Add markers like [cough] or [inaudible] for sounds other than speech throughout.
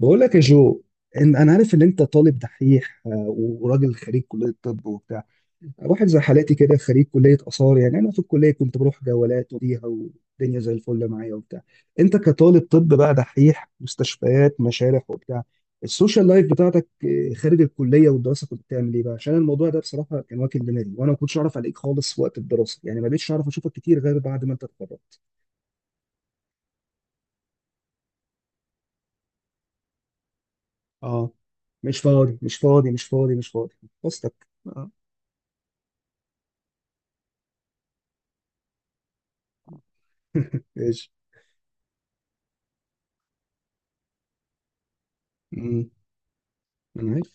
بقول لك يا جو، إن انا عارف ان انت طالب دحيح، وراجل خريج كليه طب وبتاع. واحد زي حالاتي كده، خريج كليه اثار، يعني انا في الكليه كنت بروح جولات وديها والدنيا زي الفل معايا وبتاع. انت كطالب طب بقى دحيح، مستشفيات، مشارح وبتاع. السوشيال لايف بتاعتك خارج الكليه والدراسه، كنت بتعمل ايه بقى؟ عشان الموضوع ده بصراحه كان واكل دماغي، وانا ما كنتش اعرف عليك خالص وقت الدراسه، يعني ما بقتش اعرف اشوفك كتير غير بعد ما انت اتخرجت. اه، مش فاضي مش فاضي مش فاضي مش فاضي. قصتك اه. [laughs] ماشي. مم. انا عارف.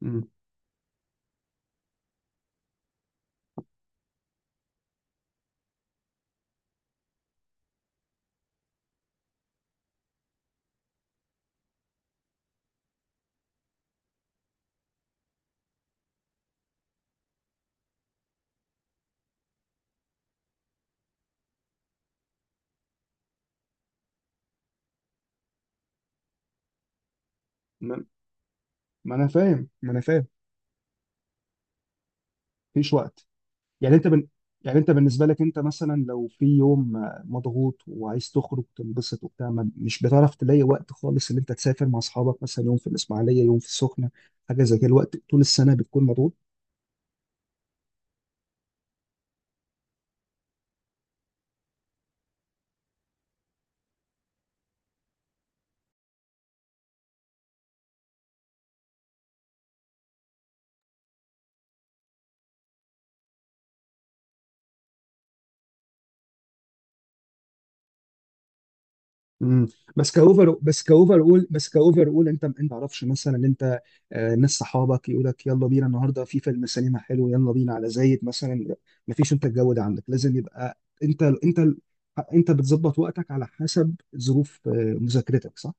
مم. ما ما انا فاهم، ما انا فاهم، مفيش وقت. يعني انت يعني انت بالنسبه لك، انت مثلا لو في يوم مضغوط وعايز تخرج تنبسط وبتاع، ما... مش بتعرف تلاقي وقت خالص ان انت تسافر مع اصحابك، مثلا يوم في الاسماعيليه يوم في السخنه، حاجه زي كده؟ الوقت طول السنه بتكون مضغوط. مم. بس كاوفر اول، انت ما تعرفش مثلا ان انت ناس صحابك يقول لك يلا بينا النهارده في فيلم سينما حلو، يلا بينا على زايد مثلا، ما فيش. انت الجو ده عندك لازم يبقى، انت بتظبط وقتك على حسب ظروف مذاكرتك، صح؟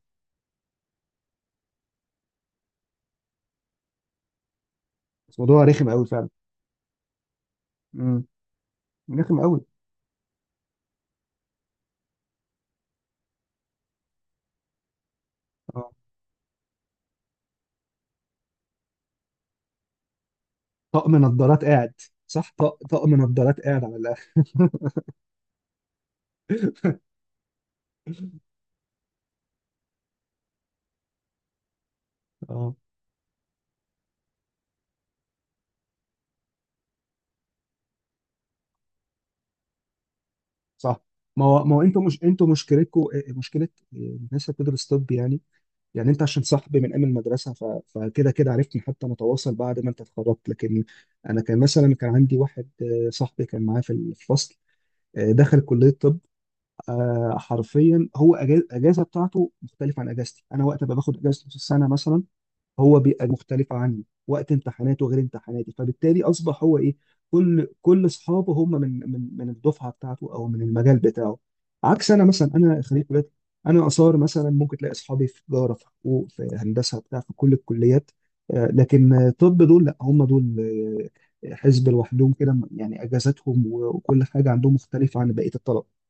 بس موضوع رخم قوي فعلا. امم رخم قوي. اه، طقم نظارات قاعد. صح، طقم نظارات قاعد على الاخر. [laughs] اه صح. ما هو انتوا مش انتوا مشكلتكم مشكله، الناس اللي بتدرس طب يعني. يعني انت عشان صاحبي من ايام المدرسه، فكده كده عرفتني، حتى متواصل بعد ما انت اتخرجت. لكن انا كان مثلا كان عندي واحد صاحبي كان معايا في الفصل، دخل كليه طب. حرفيا هو اجازه بتاعته مختلفه عن اجازتي انا، وقت ما باخد اجازه نص السنه مثلا، هو بيبقى مختلف عني، وقت امتحاناته غير امتحاناتي، فبالتالي اصبح هو ايه؟ كل اصحابه هم من الدفعه بتاعته، او من المجال بتاعه، عكس انا مثلا. انا خريج كليات، انا اثار مثلا، ممكن تلاقي اصحابي في تجاره، في حقوق، في هندسه بتاع، في كل الكليات، لكن طب دول لا، هم دول حزب لوحدهم كده، يعني اجازاتهم وكل حاجه عندهم مختلفه عن بقيه الطلبه.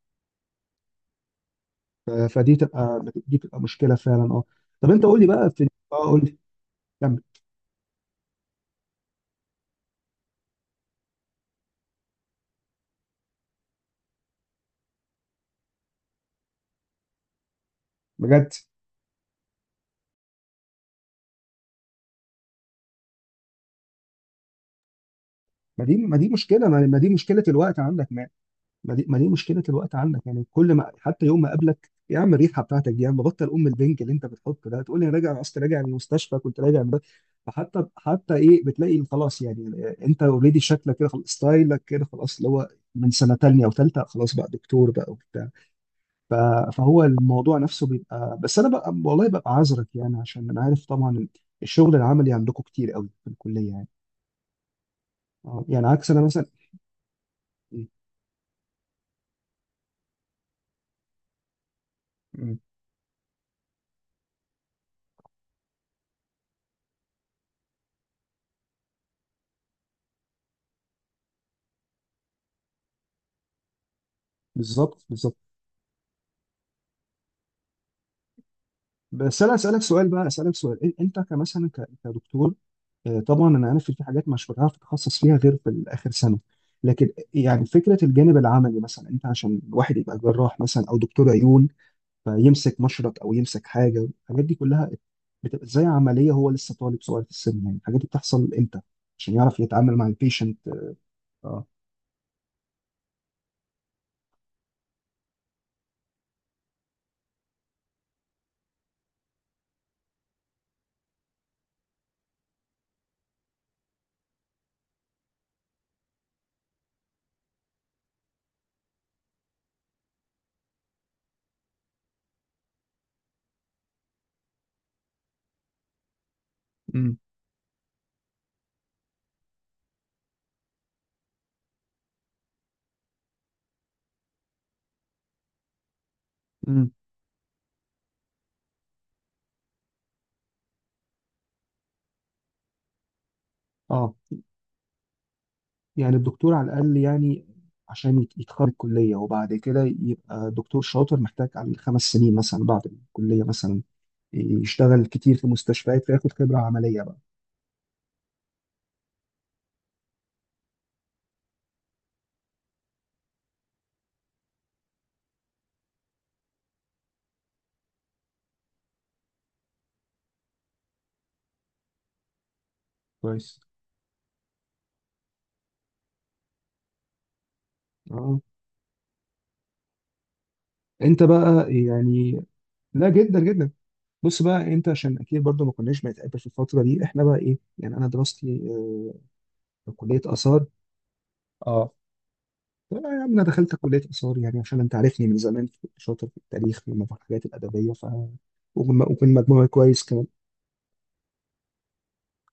فدي تبقى مشكله فعلا اه. طب انت قول لي بقى، في اه، قول لي، كمل. بجد ما دي مشكله، ما دي مشكله الوقت عندك. ما دي مشكله الوقت عندك، يعني كل ما حتى يوم ما اقابلك يا عم، الريحه بتاعتك دي يا عم، بطل ام البنج اللي انت بتحطه ده، تقول لي انا راجع، انا اصلا راجع من المستشفى، كنت راجع من ده. فحتى ايه؟ بتلاقي خلاص يعني انت اوريدي شكلك كده خلاص، ستايلك كده خلاص، اللي هو من سنه تانية او ثالثه خلاص بقى دكتور بقى وبتاع. ف- فهو الموضوع نفسه بيبقى، بس انا بقى والله ببقى عذرك، يعني عشان انا عارف طبعا الشغل العملي عندكم كتير قوي في الكليه يعني يعني عكس انا مثلا. بالظبط بالظبط. بس انا اسالك سؤال بقى، اسالك سؤال انت كمثلا كدكتور، طبعا انا عارف إن في حاجات مش بتعرف تتخصص فيها غير في اخر سنه، لكن يعني فكره الجانب العملي مثلا، انت عشان واحد يبقى جراح مثلا او دكتور عيون، فيمسك مشرط او يمسك حاجه، الحاجات دي كلها بتبقى زي عمليه، هو لسه طالب صغير في السن، يعني الحاجات دي بتحصل امتى عشان يعرف يتعامل مع البيشنت؟ اه. امم امم اه، يعني الدكتور على الأقل يعني، عشان يتخرج الكلية وبعد كده يبقى دكتور شاطر، محتاج عليه 5 سنين مثلا بعد الكلية، مثلا يشتغل كتير في مستشفيات، فياخد خبرة عملية بقى. كويس اه. انت بقى يعني، لا، جدا جدا. بص بقى، انت عشان اكيد برضو ما كناش بنتقابل في الفترة دي، احنا بقى ايه، يعني انا دراستي في كلية آثار. اه. طب يا عم، انا دخلت كلية آثار يعني عشان انت عارفني من زمان كنت شاطر في التاريخ والحاجات الأدبية، وكنت مجموعي كويس كمان.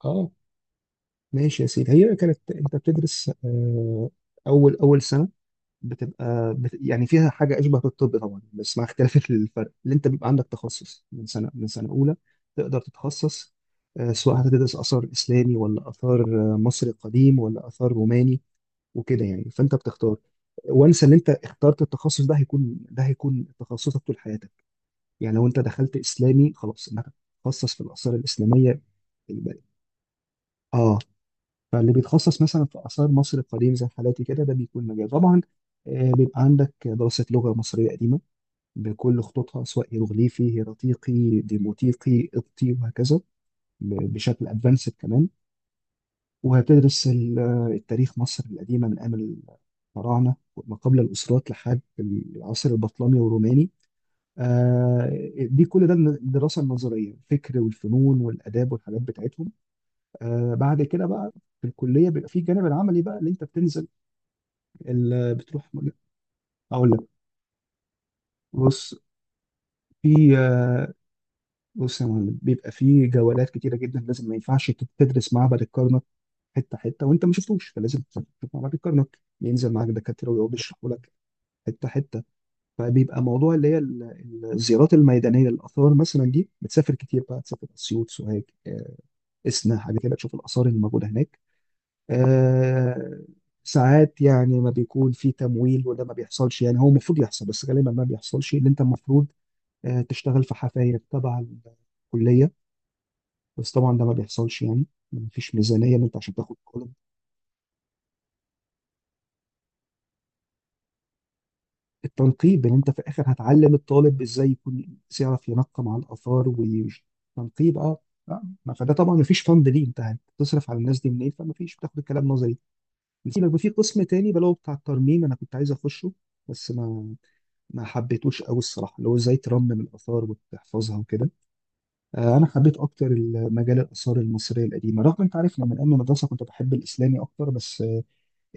اه ماشي يا سيدي، هي كانت انت بتدرس اول سنه، بتبقى يعني فيها حاجه اشبه بالطب طبعا، بس مع اختلاف الفرق، اللي انت بيبقى عندك تخصص من سنه اولى، تقدر تتخصص سواء هتدرس اثار اسلامي ولا اثار مصري قديم ولا اثار روماني وكده، يعني فانت بتختار، وانسى، اللي انت اخترت التخصص ده هيكون تخصصك طول حياتك، يعني لو انت دخلت اسلامي خلاص انك هتتخصص في الاثار الاسلاميه. اه، فاللي بيتخصص مثلا في آثار مصر القديمة زي حالاتي كده، ده بيكون مجال طبعا، بيبقى عندك دراسة لغة مصرية قديمة بكل خطوطها، سواء هيروغليفي، هيراتيقي، ديموتيقي، قبطي، وهكذا، بشكل ادفانسد كمان. وهتدرس التاريخ مصر القديمة من أيام الفراعنة، ما قبل الأسرات لحد العصر البطلمي والروماني، آه، دي كل ده الدراسة النظرية، الفكر والفنون والآداب والحاجات بتاعتهم، بعد كده بقى، في الكليه بيبقى في الجانب العملي بقى، اللي انت بتنزل بتروح. اقول لك، بص، في بص يا معلم، بيبقى في جولات كتيره جدا، لازم، ما ينفعش تدرس معبد الكرنك حته حته وانت ما شفتوش، فلازم تشوف معبد الكرنك، بينزل معاك دكاتره ويقعد يشرحوا لك حته حته. فبيبقى موضوع اللي هي الزيارات الميدانيه للاثار مثلا، دي بتسافر كتير بقى، تسافر اسيوط، سوهاج، اسنا، حاجه كده، تشوف الاثار اللي موجوده هناك. آه، ساعات يعني ما بيكون في تمويل، وده ما بيحصلش يعني، هو المفروض يحصل، بس غالبا ما بيحصلش، اللي انت المفروض تشتغل في حفاير تبع الكلية، بس طبعا ده ما بيحصلش يعني، ما فيش ميزانية ان انت عشان تاخد طالب التنقيب، ان انت في الاخر هتعلم الطالب ازاي يكون يعرف ينقم على الاثار وتنقيب اه. ما فده طبعا، ما فيش فند، ليه؟ انت هتصرف على الناس دي منين؟ فما فيش، بتاخد الكلام نظري. نسيبك في قسم تاني، بلو بتاع الترميم انا كنت عايز اخشه، بس ما حبيتوش قوي الصراحه، اللي هو ازاي ترمم الاثار وتحفظها وكده. انا حبيت اكتر مجال الاثار المصريه القديمه، رغم انت عارف لما ايام المدرسه كنت بحب الاسلامي اكتر، بس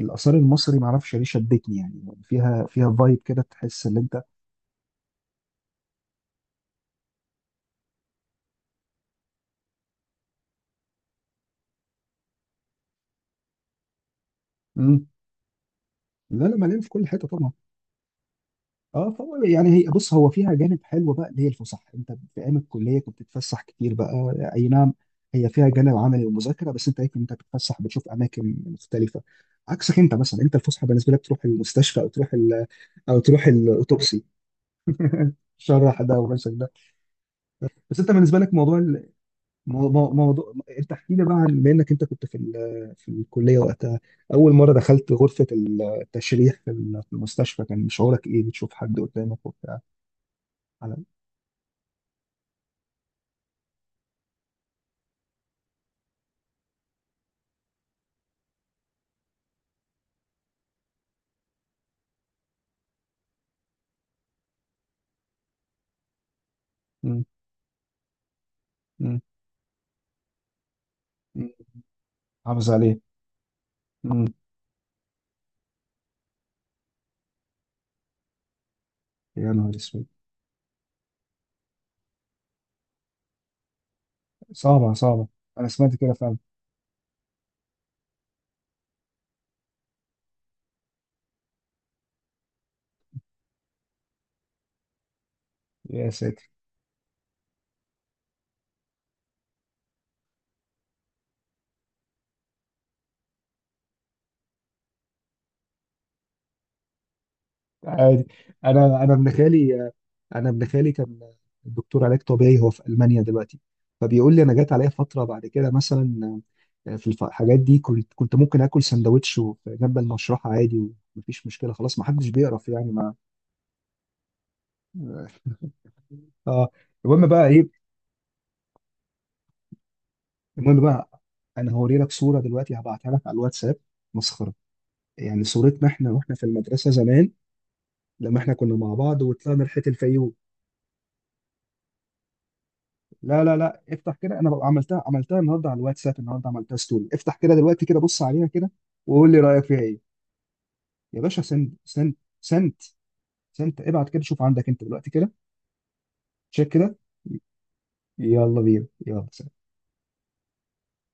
الاثار المصري ما اعرفش ليه شدتني، يعني فيها فايب كده، تحس ان انت. امم، لا لا، مليان في كل حته طبعا. اه، فهو يعني هي، بص، هو فيها جانب حلو بقى اللي هي الفسح، انت في ايام الكليه كنت بتتفسح كتير بقى. اي نعم، هي فيها جانب عملي ومذاكره، بس انت هيك انت بتتفسح، بتشوف اماكن مختلفه، عكسك انت مثلا. انت الفسحه بالنسبه لك تروح المستشفى، او تروح او تروح الاوتوبسي. [laughs] شرح ده وبس. بس انت بالنسبه لك موضوع موضوع، انت احكي لي بقى عن، بما انك انت كنت في في الكليه وقتها، اول مره دخلت غرفه التشريح في في المستشفى، كان شعورك ايه بتشوف حد قدامك وبتاع؟ على. مم، مم، مم. حافظ عليه. مم. يا نهار اسود. صعبه صعبه. انا سمعت كده فعلا. يا ساتر. عادي. انا ابن خالي، انا ابن خالي كان دكتور علاج طبيعي، هو في المانيا دلوقتي، فبيقول لي انا جات عليا فتره بعد كده مثلا، في الحاجات دي كنت ممكن اكل سندوتش جنب المشرحه عادي، ومفيش مشكله خلاص، ما حدش بيقرف يعني ما. اه آه. المهم بقى ايه، المهم بقى، انا هوري لك صوره دلوقتي، هبعتها لك على الواتساب، مسخره، يعني صورتنا احنا واحنا في المدرسه زمان، لما احنا كنا مع بعض وطلعنا رحله الفيوم. لا لا لا، افتح كده، انا ببقى عملتها، عملتها النهارده على الواتساب، النهارده عملتها ستوري، افتح كده دلوقتي كده، بص عليها كده، وقول لي رايك فيها ايه. يا باشا، سند سند سند، سند ابعت كده، شوف عندك انت دلوقتي كده، تشيك كده. يلا بينا يلا.